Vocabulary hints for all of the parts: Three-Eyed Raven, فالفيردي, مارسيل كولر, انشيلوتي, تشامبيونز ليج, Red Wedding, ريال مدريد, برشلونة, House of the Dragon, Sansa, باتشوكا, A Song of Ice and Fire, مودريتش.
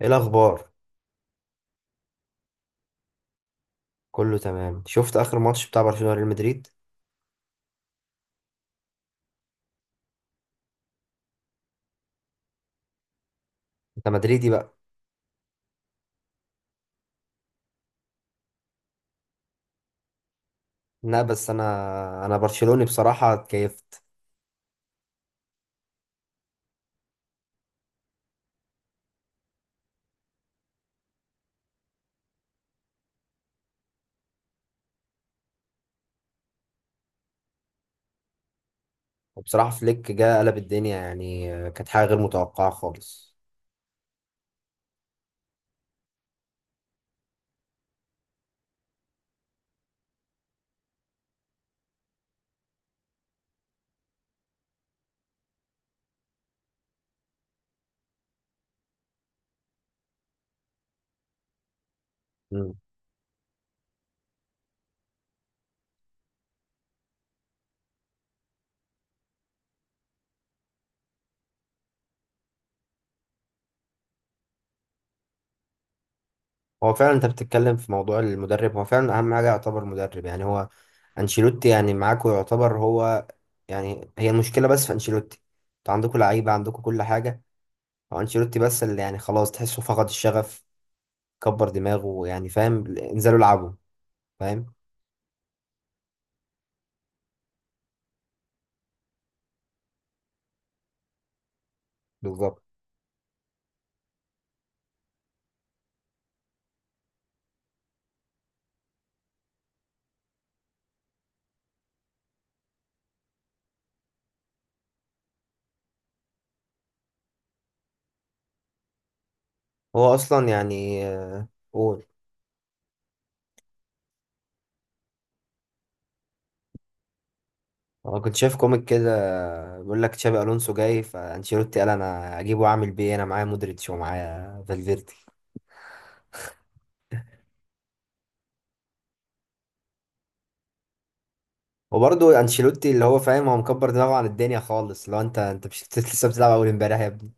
ايه الاخبار؟ كله تمام. شفت اخر ماتش بتاع برشلونة ريال مدريد؟ انت مدريدي بقى؟ لا بس انا برشلوني بصراحة اتكيفت. وبصراحة فليك جه قلب الدنيا، يعني كانت حاجة غير متوقعة خالص. مم. هو فعلا انت بتتكلم في موضوع المدرب، هو فعلا اهم حاجة يعتبر مدرب، يعني هو انشيلوتي يعني معاكو يعتبر هو، يعني هي المشكلة بس في انشيلوتي. انتوا عندكوا لعيبة، عندكوا كل حاجة. هو انشيلوتي بس اللي يعني خلاص تحسه فقد الشغف، كبر دماغه، يعني فاهم، انزلوا العبوا، فاهم. بالظبط. هو اصلا يعني قول. انا كنت شايف كوميك كده بيقول لك تشابي الونسو جاي، فانشيلوتي قال انا اجيبه واعمل بيه إيه؟ انا معايا مودريتش ومعايا فالفيردي. وبرضه انشيلوتي اللي هو فاهم، هو مكبر دماغه عن الدنيا خالص. لو انت مش لسه بتلعب اول امبارح يا ابني.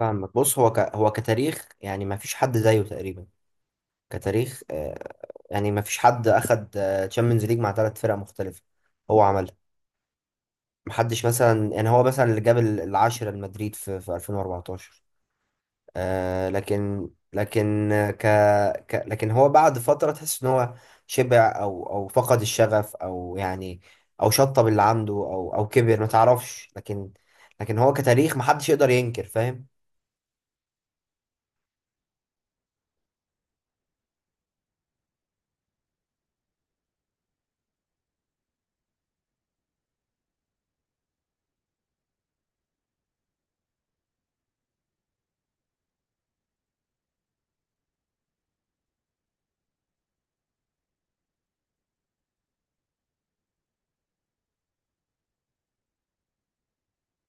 فاهمك. بص، هو هو كتاريخ يعني ما فيش حد زيه تقريبا، كتاريخ يعني ما فيش حد اخد تشامبيونز ليج مع 3 فرق مختلفة، هو عملها. محدش، مثلا يعني هو مثلا اللي جاب العاشرة لمدريد في 2014. آه، لكن ك لكن هو بعد فترة تحس ان هو شبع او او فقد الشغف، او يعني او شطب اللي عنده، او او كبر، ما تعرفش. لكن لكن هو كتاريخ محدش يقدر ينكر، فاهم.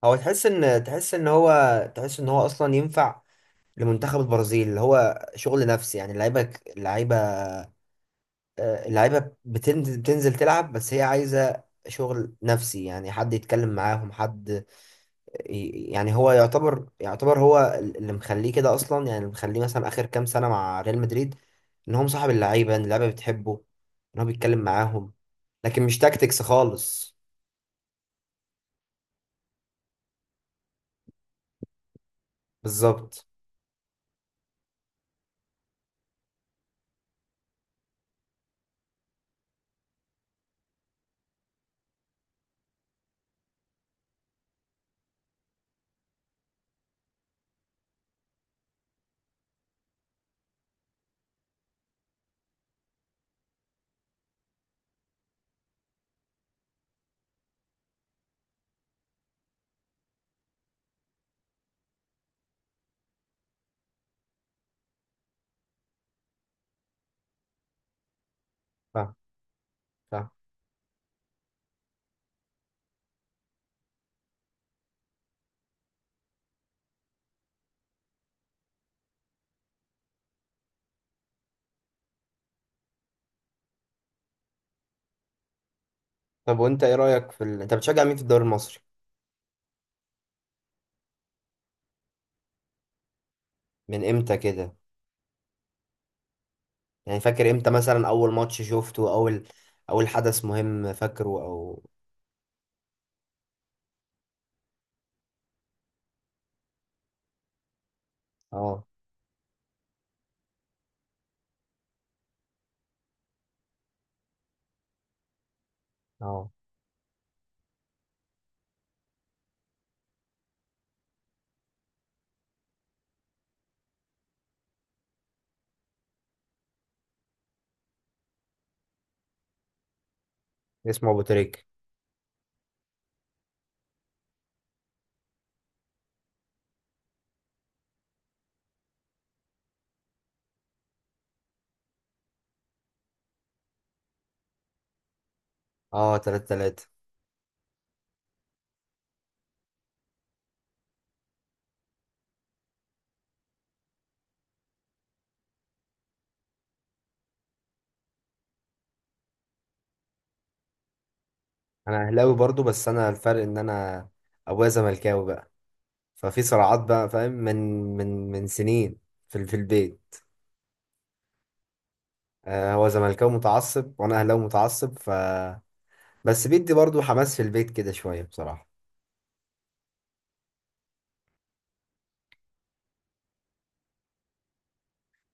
هو تحس ان تحس ان هو اصلا ينفع لمنتخب البرازيل. اللي هو شغل نفسي، يعني اللعيبة، اللعيبة اللعيبة بتنزل تلعب، بس هي عايزة شغل نفسي، يعني حد يتكلم معاهم، حد يعني. هو يعتبر هو اللي مخليه كده اصلا، يعني اللي مخليه مثلا اخر كام سنه مع ريال مدريد، ان هو مصاحب اللعيبه، ان اللعيبه بتحبه، ان هو بيتكلم معاهم، لكن مش تاكتكس خالص. بالظبط. فاهم. فاهم. طب وانت ايه رايك في انت بتشجع مين في الدوري المصري؟ من امتى كده؟ يعني فاكر امتى مثلا اول ماتش شفته، اول اول حدث مهم فاكره، او اه اه اسمه ابو تريك؟ اه. 3-3. انا اهلاوي برضو، بس انا الفرق ان انا ابويا زملكاوي بقى، ففي صراعات بقى، فاهم، من سنين في البيت. هو زملكاوي متعصب وانا اهلاوي متعصب ف بس بيدي برضو حماس في البيت كده شويه بصراحه.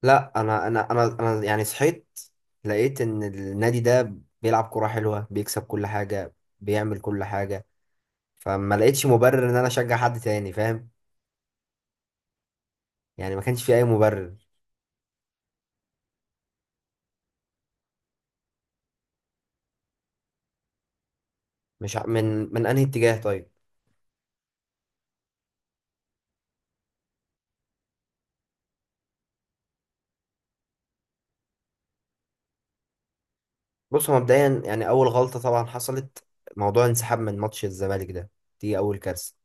لا انا يعني صحيت لقيت ان النادي ده بيلعب كوره حلوه، بيكسب كل حاجه، بيعمل كل حاجه، فما لقيتش مبرر ان انا اشجع حد تاني، فاهم. يعني ما كانش في اي مبرر. مش ع- من انهي اتجاه طيب؟ بص، هو مبدئيا يعني اول غلطه طبعا حصلت موضوع انسحاب من ماتش الزمالك ده، دي اول كارثه.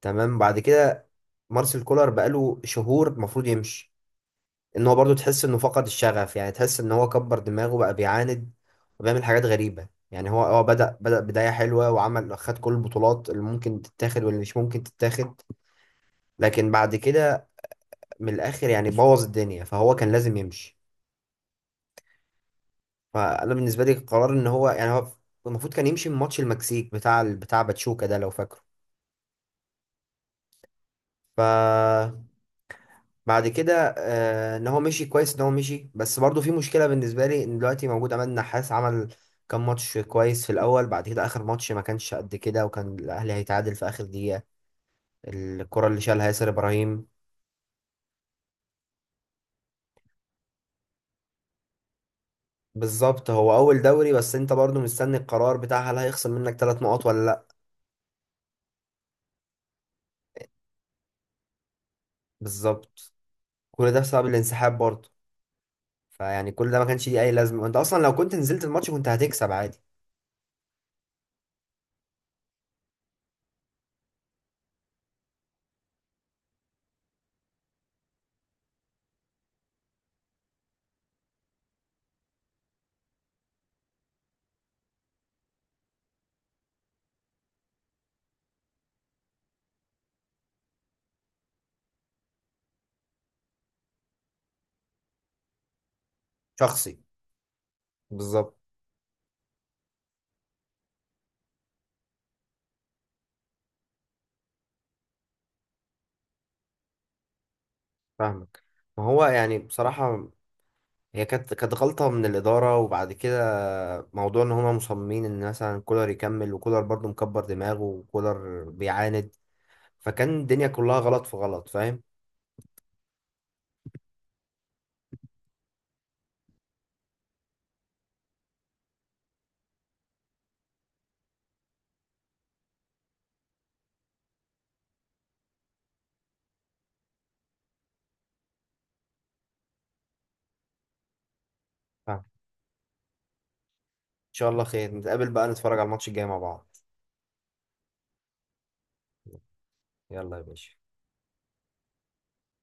تمام. بعد كده مارسيل كولر بقاله شهور المفروض يمشي. ان هو برضو تحس انه فقد الشغف، يعني تحس ان هو كبر دماغه بقى، بيعاند وبيعمل حاجات غريبة. يعني هو اه بدأ بداية حلوة وعمل، خد كل البطولات اللي ممكن تتاخد واللي مش ممكن تتاخد. لكن بعد كده من الآخر يعني بوظ الدنيا، فهو كان لازم يمشي. فأنا بالنسبة لي قرار ان هو، يعني هو المفروض كان يمشي من ماتش المكسيك بتاع باتشوكا ده، لو فاكره. ف بعد كده آه ان هو مشي كويس، ان هو مشي. بس برضه في مشكله بالنسبه لي، ان دلوقتي موجود عماد النحاس، عمل كام ماتش كويس في الاول، بعد كده اخر ماتش ما كانش قد كده، وكان الاهلي هيتعادل في اخر دقيقه، الكره اللي شالها ياسر ابراهيم. بالظبط، هو اول دوري، بس انت برضه مستني القرار بتاع هل هيخصم منك 3 نقط ولا لا. بالظبط. كل ده بسبب الانسحاب برضه، فيعني كل ده ما كانش ليه اي لازمه، انت اصلا لو كنت نزلت الماتش كنت هتكسب عادي. شخصي. بالظبط. فاهمك. ما هو يعني بصراحة هي كانت غلطة من الإدارة، وبعد كده موضوع إن هما مصممين إن مثلا كولر يكمل، وكولر برضه مكبر دماغه وكولر بيعاند، فكان الدنيا كلها غلط في غلط، فاهم؟ فاهم. إن شاء الله خير. نتقابل بقى نتفرج على الماتش الجاي مع بعض. يلا يا باشا.